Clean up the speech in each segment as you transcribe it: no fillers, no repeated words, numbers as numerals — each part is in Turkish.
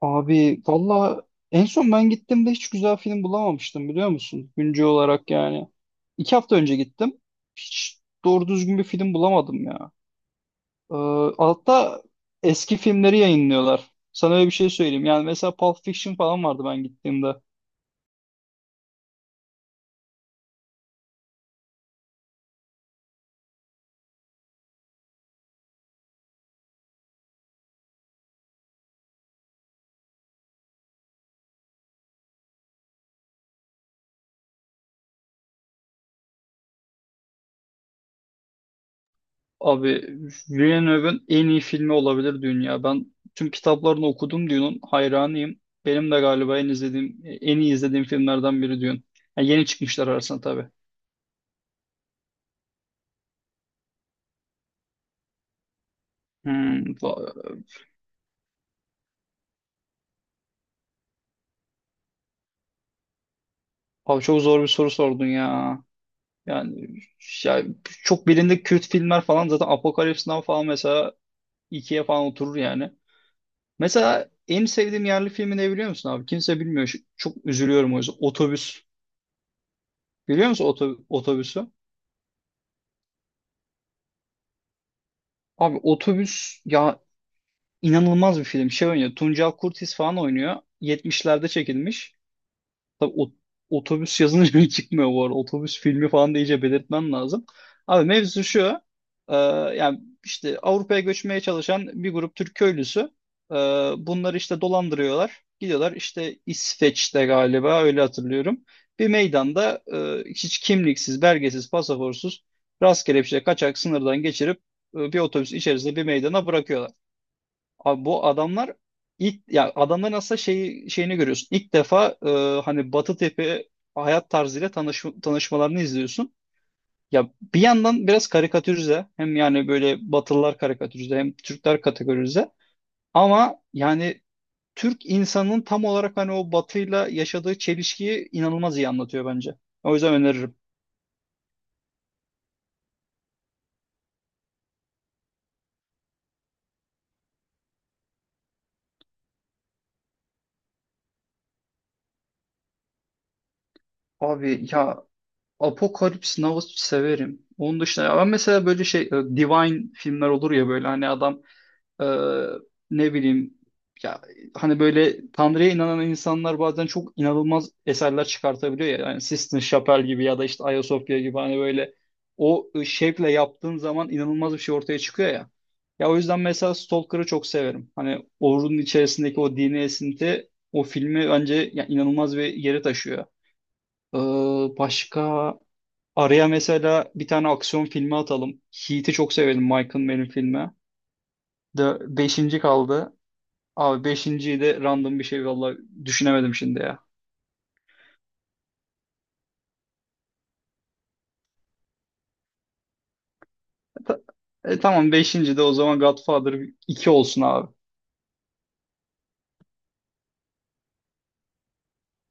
Abi valla en son ben gittiğimde hiç güzel film bulamamıştım, biliyor musun? Güncel olarak yani. İki hafta önce gittim. Hiç doğru düzgün bir film bulamadım ya. Ee, altta eski filmleri yayınlıyorlar. Sana öyle bir şey söyleyeyim. Yani mesela Pulp Fiction falan vardı ben gittiğimde. Abi Villeneuve'ın en iyi filmi olabilir dünya. Ben tüm kitaplarını okudum Dune'un. Hayranıyım. Benim de galiba en iyi izlediğim filmlerden biri Dune. Yani yeni çıkmışlar arasında tabii. Hmm, abi çok zor bir soru sordun ya. Yani ya çok bilindik Kürt filmler falan zaten Apocalypse Now falan mesela ikiye falan oturur yani. Mesela en sevdiğim yerli filmi ne biliyor musun abi? Kimse bilmiyor. Çok üzülüyorum o yüzden. Otobüs. Biliyor musun otobüsü? Abi otobüs ya, inanılmaz bir film. Şey oynuyor. Tuncel Kurtiz falan oynuyor. 70'lerde çekilmiş. Tabii o- otobüs yazınca çıkmıyor bu arada. Otobüs filmi falan da iyice belirtmen lazım. Abi mevzu şu. e, Yani işte Avrupa'ya göçmeye çalışan bir grup Türk köylüsü. e, Bunları işte dolandırıyorlar. Gidiyorlar işte, İsveç'te galiba, öyle hatırlıyorum. Bir meydanda, hiç kimliksiz, belgesiz, pasaportsuz, rastgele bir şey kaçak sınırdan geçirip bir otobüs içerisinde bir meydana bırakıyorlar. Abi bu adamlar ilk ya, adamların aslında şeyini görüyorsun. İlk defa hani Batı tepe hayat tarzıyla tanışmalarını izliyorsun. Ya bir yandan biraz karikatürize, hem yani böyle Batılılar karikatürize hem Türkler kategorize, ama yani Türk insanının tam olarak hani o Batı'yla yaşadığı çelişkiyi inanılmaz iyi anlatıyor bence. O yüzden öneririm. Abi ya Apokalips Now severim. Onun dışında ya ben mesela böyle şey, Divine filmler olur ya, böyle hani adam Ee, ne bileyim ya, hani böyle Tanrı'ya inanan insanlar bazen çok inanılmaz eserler çıkartabiliyor ya. Yani Sistine Chapel gibi ya da işte Ayasofya gibi, hani böyle o şevkle yaptığın zaman inanılmaz bir şey ortaya çıkıyor ya. Ya o yüzden mesela Stalker'ı çok severim. Hani Orhun içerisindeki o dini esinti o filmi bence ya, inanılmaz bir yere taşıyor. Ee, başka araya mesela bir tane aksiyon filmi atalım. Heat'i çok severim, Michael Mann'in filmi. De beşinci kaldı. Abi beşinciyi de random bir şey, vallahi düşünemedim şimdi ya. E, Ta- tamam beşinci de o zaman Godfather iki olsun abi.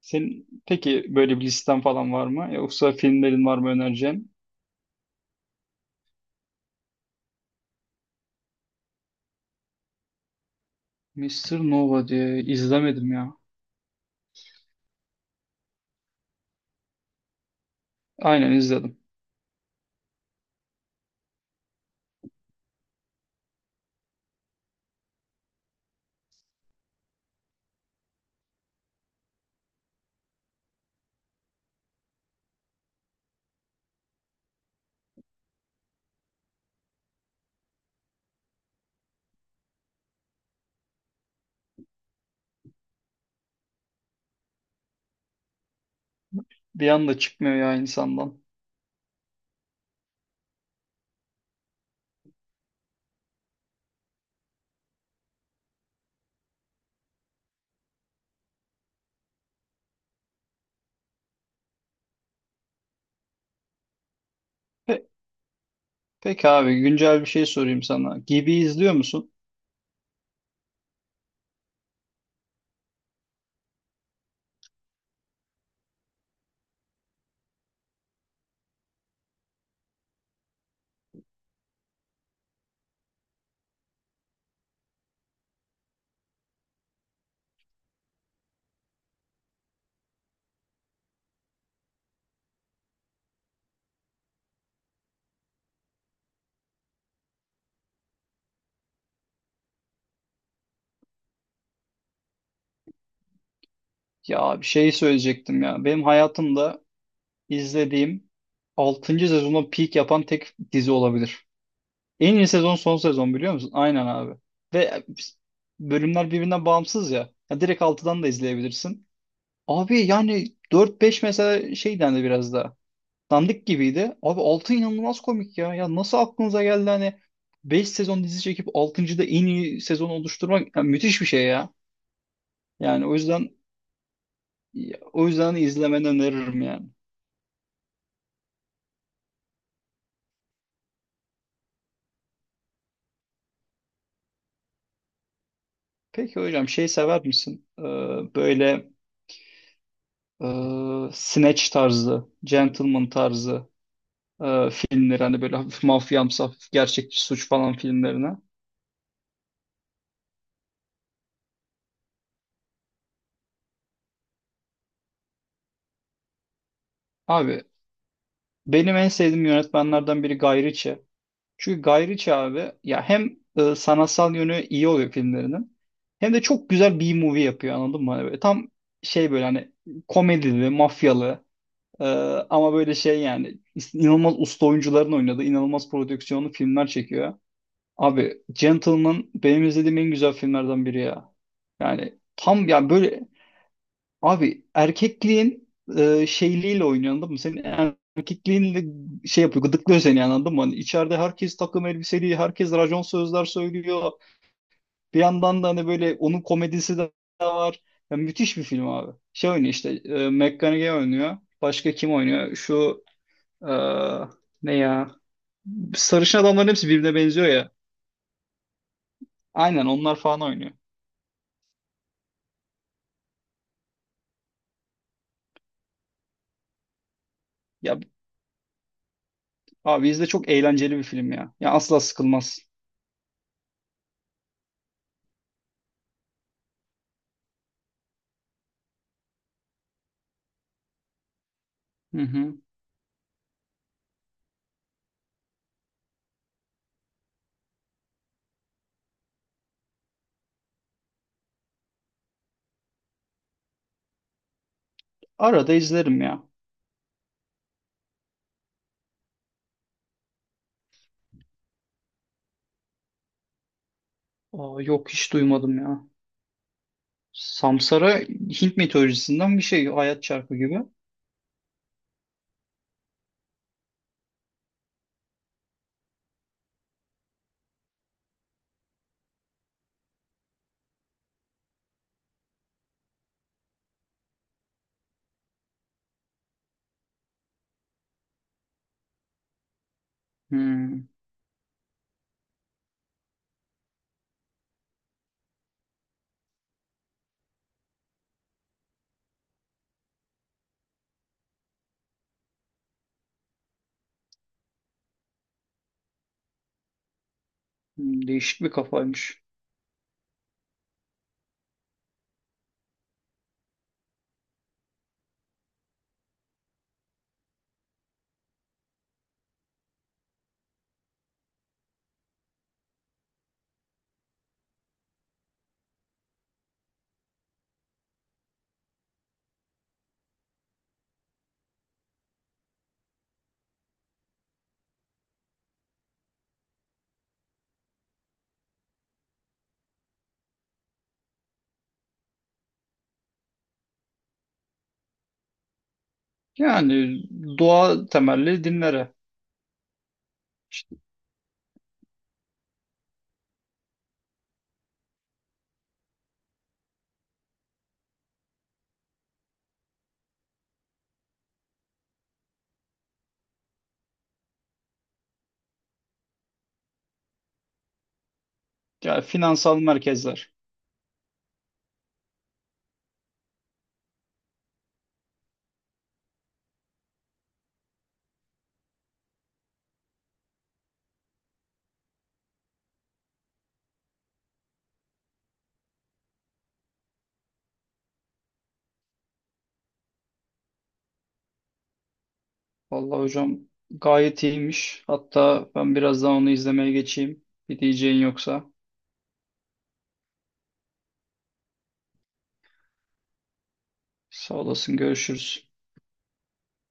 Senin peki böyle bir listen falan var mı? Yoksa filmlerin var mı önereceğin? Mister Nova diye izlemedim ya. Aynen izledim. Bir anda çıkmıyor ya insandan. Pe peki abi güncel bir şey sorayım sana. Gibi izliyor musun? Ya bir şey söyleyecektim ya. Benim hayatımda izlediğim 6. sezonda peak yapan tek dizi olabilir. En iyi sezon son sezon, biliyor musun? Aynen abi. Ve bölümler birbirinden bağımsız ya. Ya direkt altıdan da izleyebilirsin. Abi yani dört beş mesela şey dendi, biraz daha dandik gibiydi. Abi 6 inanılmaz komik ya. Ya nasıl aklınıza geldi hani, beş sezon dizi çekip altıncıda en iyi sezon oluşturmak, ya müthiş bir şey ya. Yani o yüzden izlemeni öneririm yani. Peki hocam şey sever misin? Böyle e, Snatch tarzı, Gentleman tarzı filmleri, hani böyle hafif mafyamsı, hafif gerçekçi suç falan filmlerine. Abi benim en sevdiğim yönetmenlerden biri Guy Ritchie. Çünkü Guy Ritchie abi ya, hem sanatsal yönü iyi oluyor filmlerinin, hem de çok güzel B-movie yapıyor, anladın mı? Hani böyle tam şey, böyle hani komedili, mafyalı, e, ama böyle şey yani, inanılmaz usta oyuncuların oynadığı inanılmaz prodüksiyonlu filmler çekiyor. Abi Gentleman benim izlediğim en güzel filmlerden biri ya. Yani tam ya böyle, abi erkekliğin şeyliğiyle oynuyor, anladın mı? Senin erkekliğinle şey yapıyor, gıdıklıyor seni yani, anladın mı? Hani içeride herkes takım elbiseli, herkes racon sözler söylüyor. Bir yandan da hani böyle onun komedisi de var. Ya, müthiş bir film abi. Şey oynuyor işte, McConaughey oynuyor. Başka kim oynuyor? Şu e, ne ya? Sarışın adamların hepsi birbirine benziyor ya. Aynen onlar falan oynuyor. Ya abi izle, çok eğlenceli bir film ya. Ya asla sıkılmaz. Hı hı. Arada izlerim ya. Aa, yok hiç duymadım ya. Samsara Hint mitolojisinden bir şey. Hayat çarkı gibi. Hmm, hmm, değişik bir kafaymış. Yani doğa temelli dinlere. İşte, ya, finansal merkezler. Vallahi hocam gayet iyiymiş. Hatta ben birazdan onu izlemeye geçeyim. Bir diyeceğin yoksa. Sağ olasın, görüşürüz.